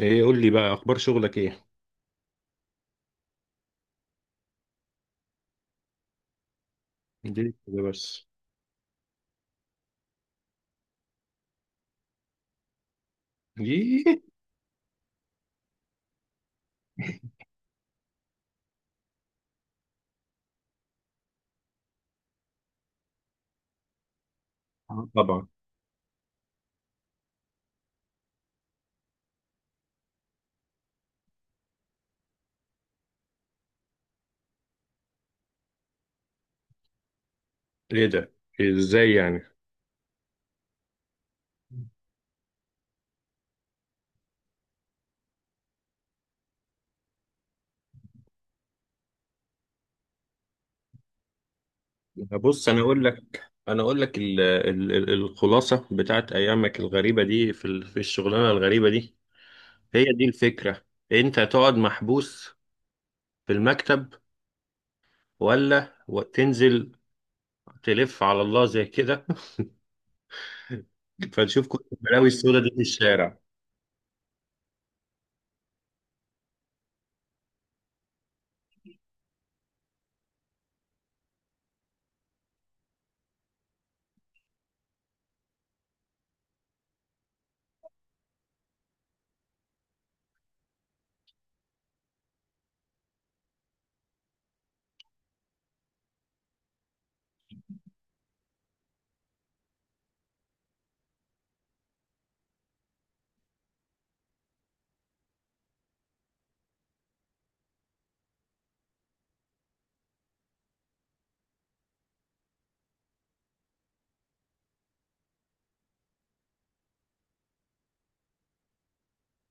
ايه، قول لي بقى اخبار شغلك ايه؟ دي كده بس؟ دي... آه، طبعا. ايه ده؟ ازاي يعني؟ بص، انا اقول لك ال ال ال الخلاصه بتاعت ايامك الغريبه دي في الشغلانه الغريبه دي. هي دي الفكره. انت تقعد محبوس في المكتب، ولا تنزل تلف على الله زي كده؟ فتشوف كل البلاوي السوداء دي في الشارع.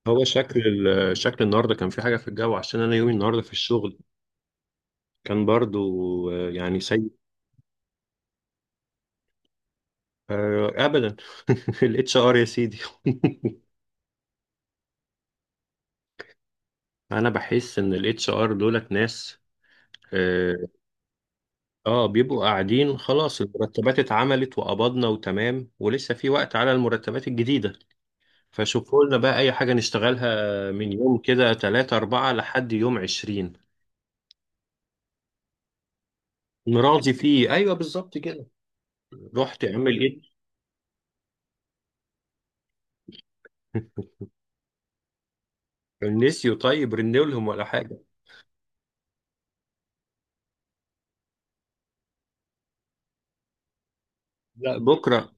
هو شكل النهارده كان في حاجه في الجو، عشان انا يومي النهارده في الشغل كان برضو يعني سيء. آه، ابدا. الاتش ار يا سيدي. انا بحس ان الاتش ار دولت ناس. اه. بيبقوا قاعدين، خلاص المرتبات اتعملت وقبضنا وتمام، ولسه في وقت على المرتبات الجديدة. فشوفوا لنا بقى اي حاجة نشتغلها من يوم كده تلاتة اربعة لحد يوم 20. نراضي فيه، ايوه بالظبط كده. رحت اعمل ايه؟ نسيوا؟ طيب رنوا لهم ولا حاجة. لا، بكرة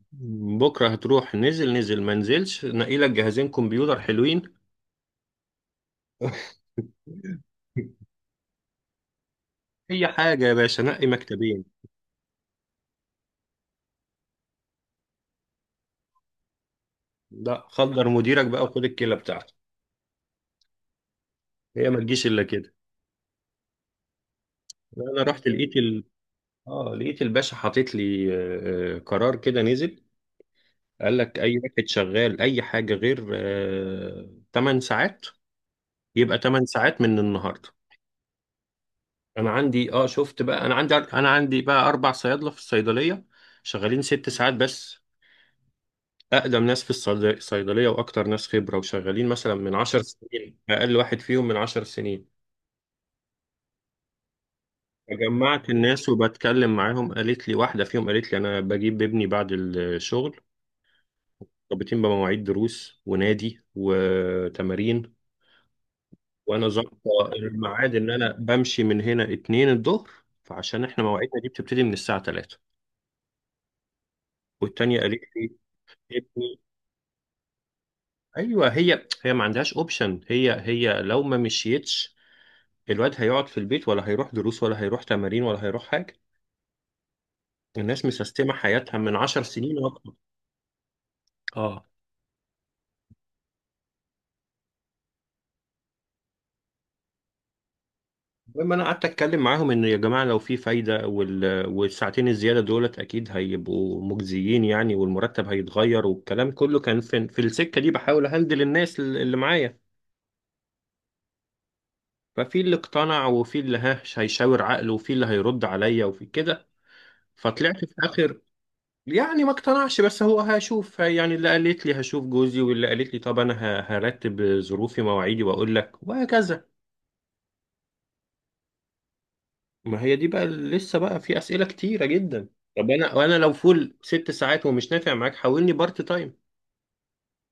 بكرة هتروح، نزل نزل ما نزلش، نقي لك جهازين كمبيوتر حلوين. اي حاجه يا باشا، نقي مكتبين. لا، خدر مديرك بقى وخد الكلى بتاعته. هي ما تجيش الا كده. انا رحت لقيت اه، لقيت الباشا حاطط لي قرار كده نزل. قال لك اي واحد شغال اي حاجه غير 8 ساعات، يبقى 8 ساعات من النهارده. انا عندي اه شفت بقى، انا عندي بقى اربع صيادله في الصيدليه، شغالين 6 ساعات بس، اقدم ناس في الصيدليه واكتر ناس خبره، وشغالين مثلا من 10 سنين، اقل واحد فيهم من 10 سنين. فجمعت الناس وبتكلم معاهم، قالت لي واحدة فيهم قالت لي: أنا بجيب ابني بعد الشغل، مرتبطين بمواعيد دروس ونادي وتمارين، وأنا ظابطة الميعاد إن أنا بمشي من هنا 2 الظهر، فعشان إحنا مواعيدنا دي بتبتدي من الساعة 3. والتانية قالت لي: ابني. أيوه، هي هي ما عندهاش أوبشن، هي هي لو ما مشيتش الواد هيقعد في البيت، ولا هيروح دروس ولا هيروح تمارين ولا هيروح حاجة. الناس مسيستمة حياتها من 10 سنين وأكتر. اه. المهم انا قعدت اتكلم معاهم ان: يا جماعه لو في فايده، والساعتين الزياده دولت اكيد هيبقوا مجزيين يعني، والمرتب هيتغير، والكلام كله كان في السكه دي، بحاول اهندل الناس اللي معايا. ففي اللي اقتنع، وفي اللي هيشاور عقله، وفي اللي هيرد عليا، وفي كده. فطلعت في الاخر يعني ما اقتنعش، بس هو هشوف يعني. اللي قالت لي هشوف جوزي، واللي قالت لي طب انا هرتب ظروفي مواعيدي واقول لك، وهكذا. ما هي دي بقى، لسه بقى في أسئلة كتيرة جدا. طب انا، وانا لو فول 6 ساعات ومش نافع معاك حولني بارت تايم.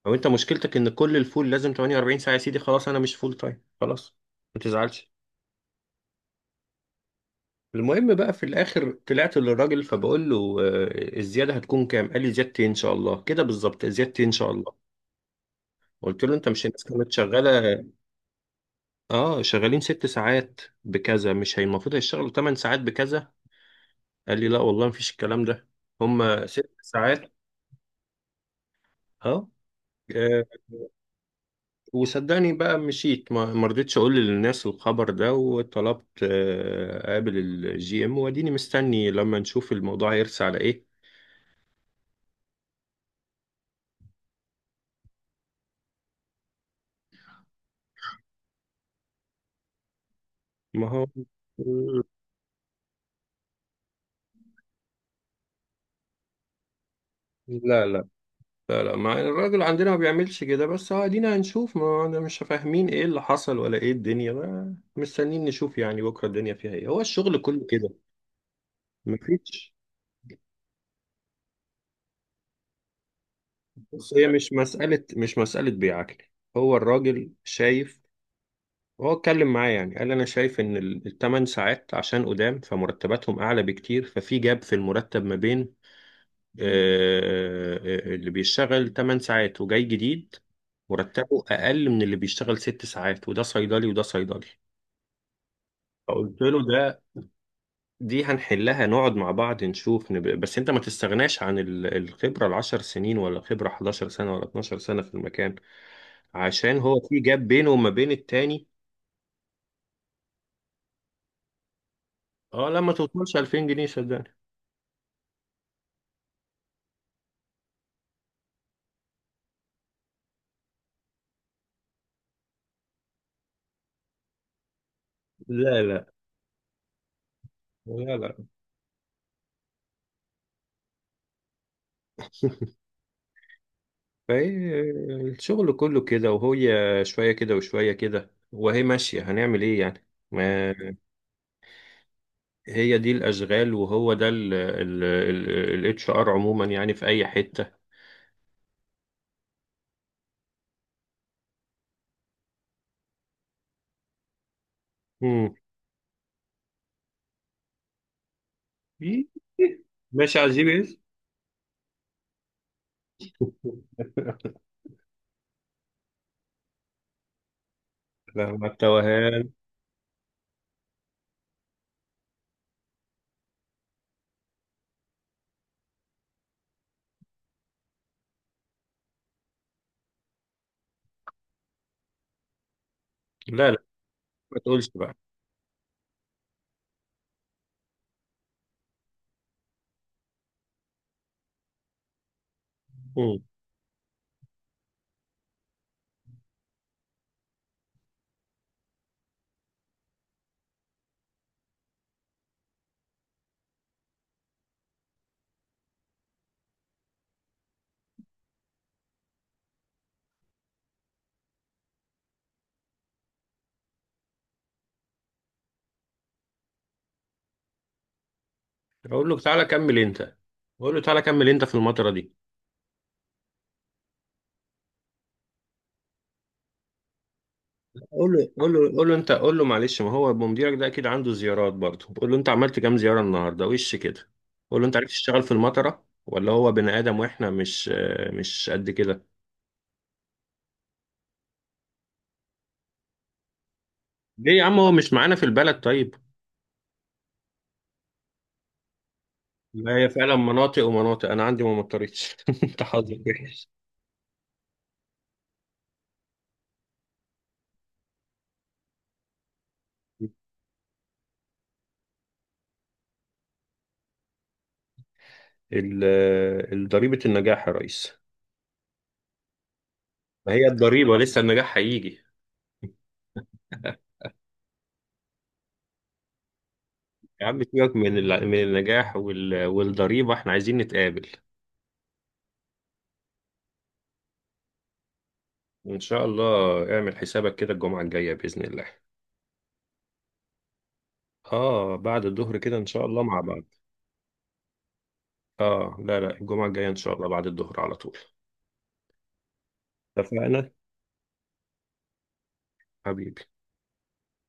او انت مشكلتك ان كل الفول لازم 48 ساعة، يا سيدي خلاص انا مش فول تايم، خلاص ما تزعلش. المهم بقى في الاخر طلعت للراجل، فبقول له: الزيادة هتكون كام؟ قال لي: زيادتي ان شاء الله كده بالظبط، زيادتي ان شاء الله. قلت له: انت مش الناس كانت شغالة؟ اه، شغالين 6 ساعات بكذا، مش هي المفروض هيشتغلوا 8 ساعات بكذا؟ قال لي: لا والله مفيش الكلام ده، هما 6 ساعات. اه. وصدقني بقى مشيت، ما رضيتش اقول للناس الخبر ده، وطلبت اقابل الجي ام، واديني مستني لما نشوف الموضوع هيرسى على ايه. ما هو... لا لا لا لا، ما الراجل عندنا ما بيعملش كده، بس هو ادينا هنشوف، ما انا مش فاهمين ايه اللي حصل ولا ايه الدنيا، ما مستنيين نشوف يعني بكره الدنيا فيها ايه. هو الشغل كله كده. مفيش. بص، هي مش مسألة، مش مسألة بيعكلي. هو الراجل شايف. هو اتكلم معايا يعني قال: انا شايف ان ال8 ساعات عشان قدام فمرتباتهم اعلى بكتير، ففي جاب في المرتب ما بين اللي بيشتغل 8 ساعات وجاي جديد، مرتبه اقل من اللي بيشتغل 6 ساعات، وده صيدلي وده صيدلي. فقلت له: ده، دي هنحلها، نقعد مع بعض نشوف بس انت ما تستغناش عن الخبرة ال10 سنين ولا خبرة 11 سنة ولا 12 سنة في المكان، عشان هو في جاب بينه وما بين التاني. اه، لما توصلش 2000 جنيه صدقني. لا لا لا لا. فهي الشغل كله كده، وهي شوية كده وشوية كده، وهي ماشية، هنعمل ايه يعني؟ ما هي دي الأشغال، وهو ده ال اتش ار عموما يعني في أي حتة. مم. إيه؟ ماشي على الجي بي اس. لا، ما التوهان. لا لا، ما تقولش بقى. مم. أقول له: تعالى كمل أنت. أقول له: تعالى كمل أنت في المطرة دي. قول له، قول له، قول له انت، قول له: معلش ما هو مديرك ده اكيد عنده زيارات برضه، قول له: انت عملت كام زياره النهارده وش كده؟ قول له: انت عرفت تشتغل في المطره ولا هو بني ادم واحنا مش قد كده؟ ليه يا عم، هو مش معانا في البلد طيب؟ ما هي فعلا مناطق ومناطق، انا عندي ما مطرتش. انت حظك وحش. ال- ضريبه النجاح يا ريس. ما هي الضريبه، لسه النجاح هيجي. يا عم سيبك من من النجاح والضريبه، احنا عايزين نتقابل. إن شاء الله اعمل حسابك كده الجمعة الجاية بإذن الله. آه، بعد الظهر كده إن شاء الله مع بعض. آه لا لا، الجمعة الجاية إن شاء الله بعد الظهر على طول. اتفقنا حبيبي.